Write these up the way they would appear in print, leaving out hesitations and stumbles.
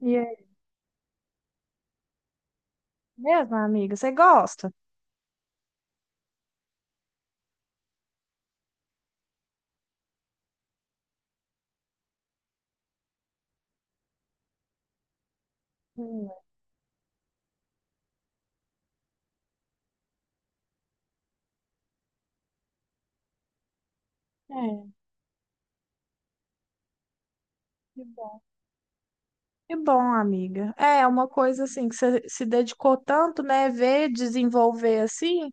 E é mesmo, amiga? Você gosta? Hum. É, que bom. Que bom, amiga. É uma coisa assim que você se dedicou tanto, né? Ver desenvolver assim,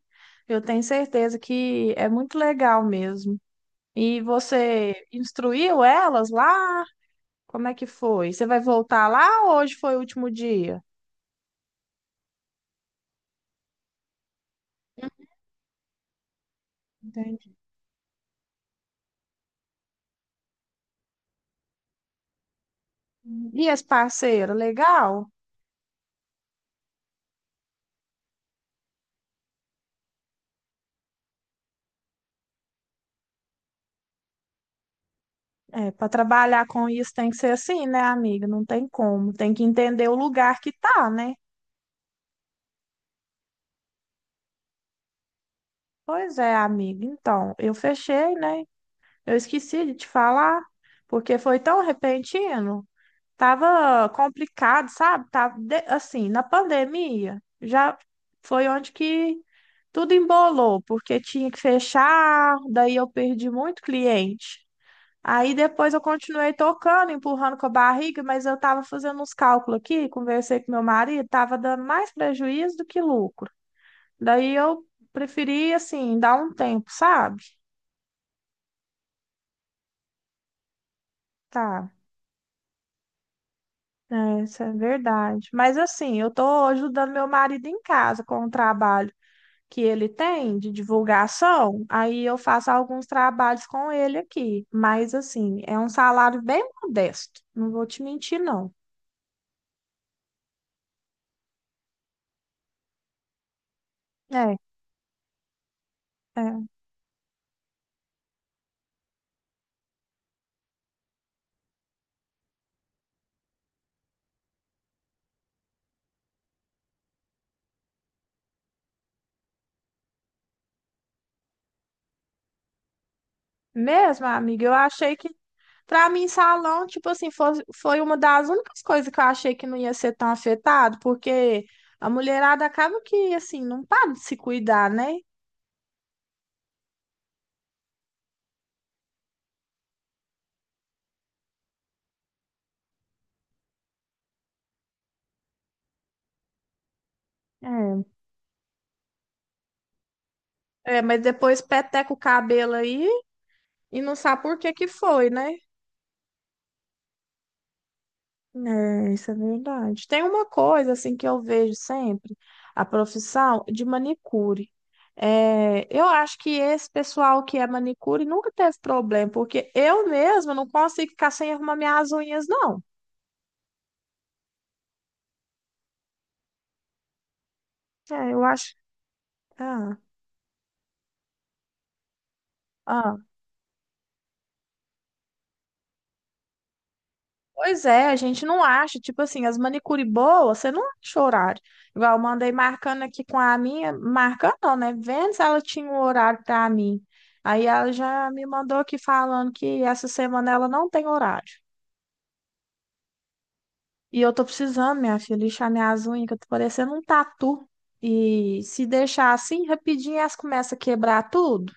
eu tenho certeza que é muito legal mesmo. E você instruiu elas lá? Como é que foi? Você vai voltar lá ou hoje foi o último dia? Hum. Entendi. E esse parceiro, legal? É, para trabalhar com isso tem que ser assim, né, amiga? Não tem como. Tem que entender o lugar que tá, né? Pois é, amiga. Então, eu fechei, né? Eu esqueci de te falar, porque foi tão repentino. Tava complicado, sabe? Tava assim, na pandemia, já foi onde que tudo embolou, porque tinha que fechar, daí eu perdi muito cliente. Aí depois eu continuei tocando, empurrando com a barriga, mas eu tava fazendo uns cálculos aqui, conversei com meu marido, tava dando mais prejuízo do que lucro. Daí eu preferi, assim, dar um tempo, sabe? Tá, é, isso é verdade. Mas assim, eu tô ajudando meu marido em casa com o trabalho que ele tem de divulgação, aí eu faço alguns trabalhos com ele aqui. Mas assim, é um salário bem modesto, não vou te mentir, não. É, é. Mesmo, amiga, eu achei que, pra mim, salão, tipo assim, foi uma das únicas coisas que eu achei que não ia ser tão afetado, porque a mulherada acaba que, assim, não para de se cuidar, né? É. É, mas depois peteca o cabelo aí e não sabe por que que foi, né? É, isso é verdade. Tem uma coisa assim que eu vejo sempre, a profissão de manicure. É, eu acho que esse pessoal que é manicure nunca teve problema, porque eu mesma não consigo ficar sem arrumar minhas unhas, não. É, eu acho. Ah, ah. Pois é, a gente não acha, tipo assim, as manicure boas, você não acha horário. Igual eu mandei marcando aqui com a minha, marcando não, né? Vendo se ela tinha um horário pra mim. Aí ela já me mandou aqui falando que essa semana ela não tem horário. E eu tô precisando, minha filha, lixar minhas unhas, que eu tô parecendo um tatu. E se deixar assim, rapidinho elas começam a quebrar tudo.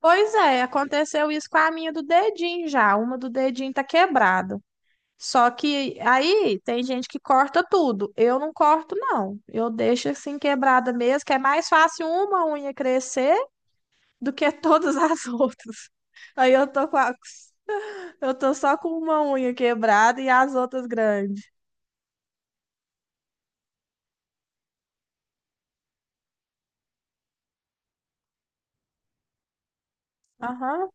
Pois é, aconteceu isso com a minha do dedinho já. Uma do dedinho tá quebrada. Só que aí tem gente que corta tudo. Eu não corto, não. Eu deixo assim quebrada mesmo, que é mais fácil uma unha crescer do que todas as outras. Aí eu tô só com uma unha quebrada e as outras grandes. Aham.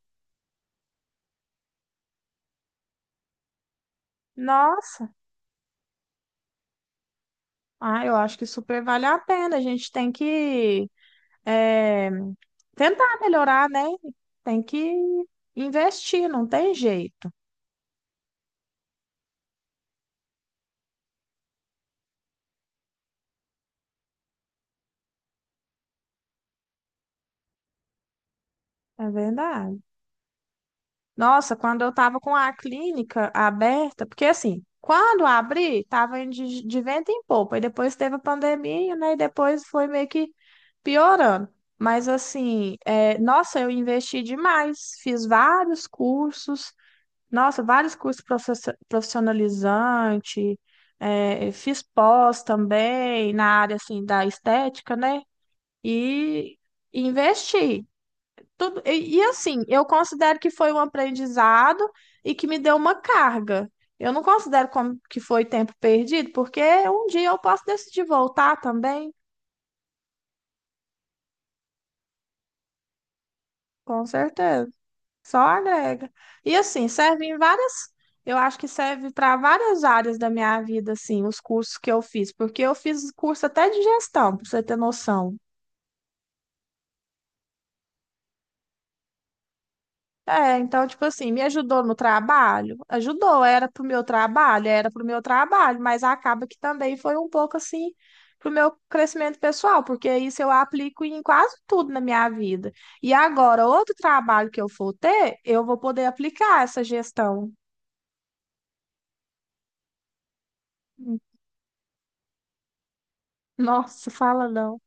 Nossa. Ah, eu acho que super vale a pena. A gente tem que é, tentar melhorar, né? Tem que investir, não tem jeito. É verdade. Nossa, quando eu estava com a clínica aberta, porque assim, quando abri, estava indo de vento em popa, e depois teve a pandemia, né? E depois foi meio que piorando. Mas assim, é, nossa, eu investi demais, fiz vários cursos, nossa, vários cursos profissionalizante, é, fiz pós também na área assim da estética, né? E investi. Tudo, e assim, eu considero que foi um aprendizado e que me deu uma carga. Eu não considero como que foi tempo perdido, porque um dia eu posso decidir voltar também, com certeza. Só agrega. E assim, serve em várias, eu acho que serve para várias áreas da minha vida, assim, os cursos que eu fiz, porque eu fiz curso até de gestão, para você ter noção. É, então, tipo assim, me ajudou no trabalho? Ajudou, era pro meu trabalho, era pro meu trabalho, mas acaba que também foi um pouco assim pro meu crescimento pessoal, porque isso eu aplico em quase tudo na minha vida. E agora, outro trabalho que eu for ter, eu vou poder aplicar essa gestão. Nossa, fala não.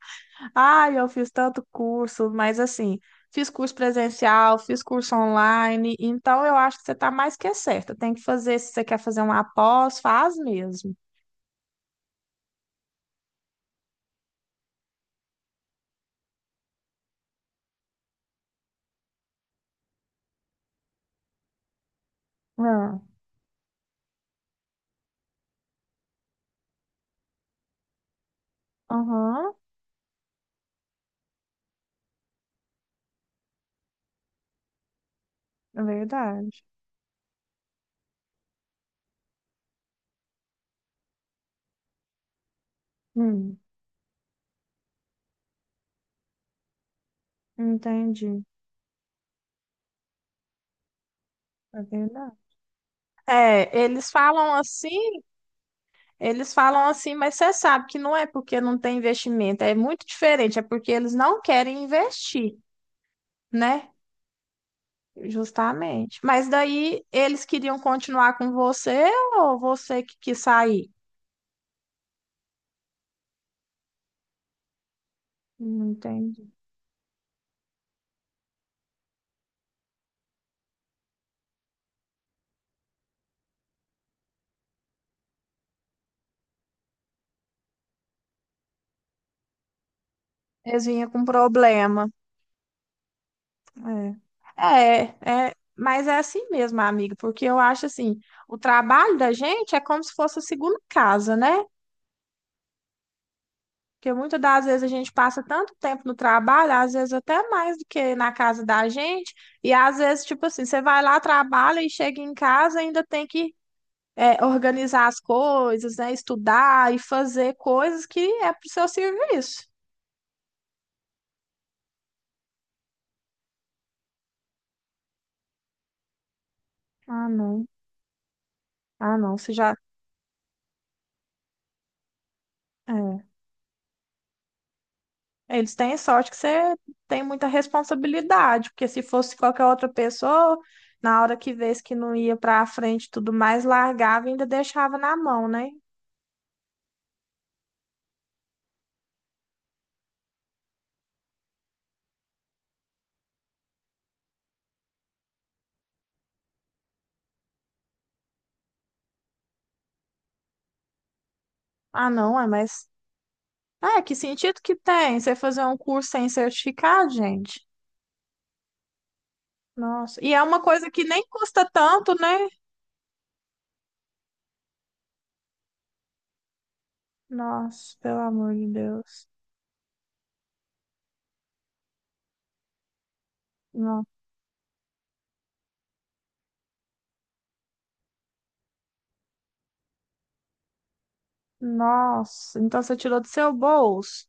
Ai, eu fiz tanto curso, mas assim, fiz curso presencial, fiz curso online, então eu acho que você está mais que certa. Tem que fazer, se você quer fazer uma pós, faz mesmo. Ah, aham, é verdade. Hum, entendi. É verdade. É, eles falam assim, mas você sabe que não é porque não tem investimento, é muito diferente, é porque eles não querem investir, né? Justamente. Mas daí eles queriam continuar com você ou você que quis sair? Não entendi. Eles vinham com problema. É, é, é, mas é assim mesmo, amiga, porque eu acho assim, o trabalho da gente é como se fosse a segunda casa, né? Porque muitas das vezes a gente passa tanto tempo no trabalho, às vezes até mais do que na casa da gente, e às vezes, tipo assim, você vai lá, trabalha e chega em casa, ainda tem que é, organizar as coisas, né? Estudar e fazer coisas que é pro seu serviço. Ah, não. Ah, não, você já. É. Eles têm sorte que você tem muita responsabilidade, porque se fosse qualquer outra pessoa, na hora que vês que não ia pra frente e tudo mais, largava e ainda deixava na mão, né? Ah, não, é, mas. É, que sentido que tem você fazer um curso sem certificado, gente? Nossa. E é uma coisa que nem custa tanto, né? Nossa, pelo amor de Deus. No- Nossa, então você tirou do seu bolso.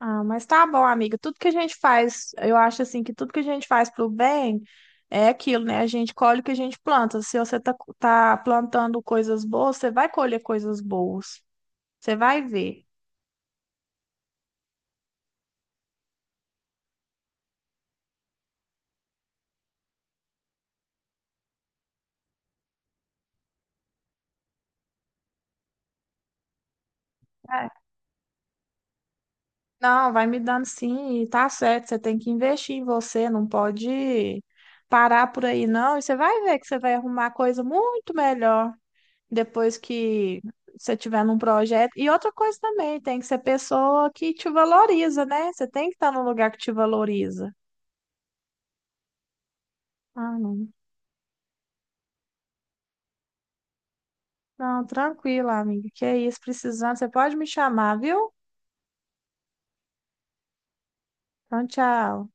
Ah, mas tá bom, amiga. Tudo que a gente faz, eu acho assim que tudo que a gente faz pro bem é aquilo, né? A gente colhe o que a gente planta. Se você tá, tá plantando coisas boas, você vai colher coisas boas. Você vai ver. É. Não, vai me dando sim, e tá certo. Você tem que investir em você, não pode parar por aí, não. E você vai ver que você vai arrumar coisa muito melhor. Depois que você tiver num projeto. E outra coisa também, tem que ser pessoa que te valoriza, né? Você tem que estar num lugar que te valoriza. Ah, não. Não, tranquilo, amiga. Que é isso, precisando. Você pode me chamar, viu? Então, tchau.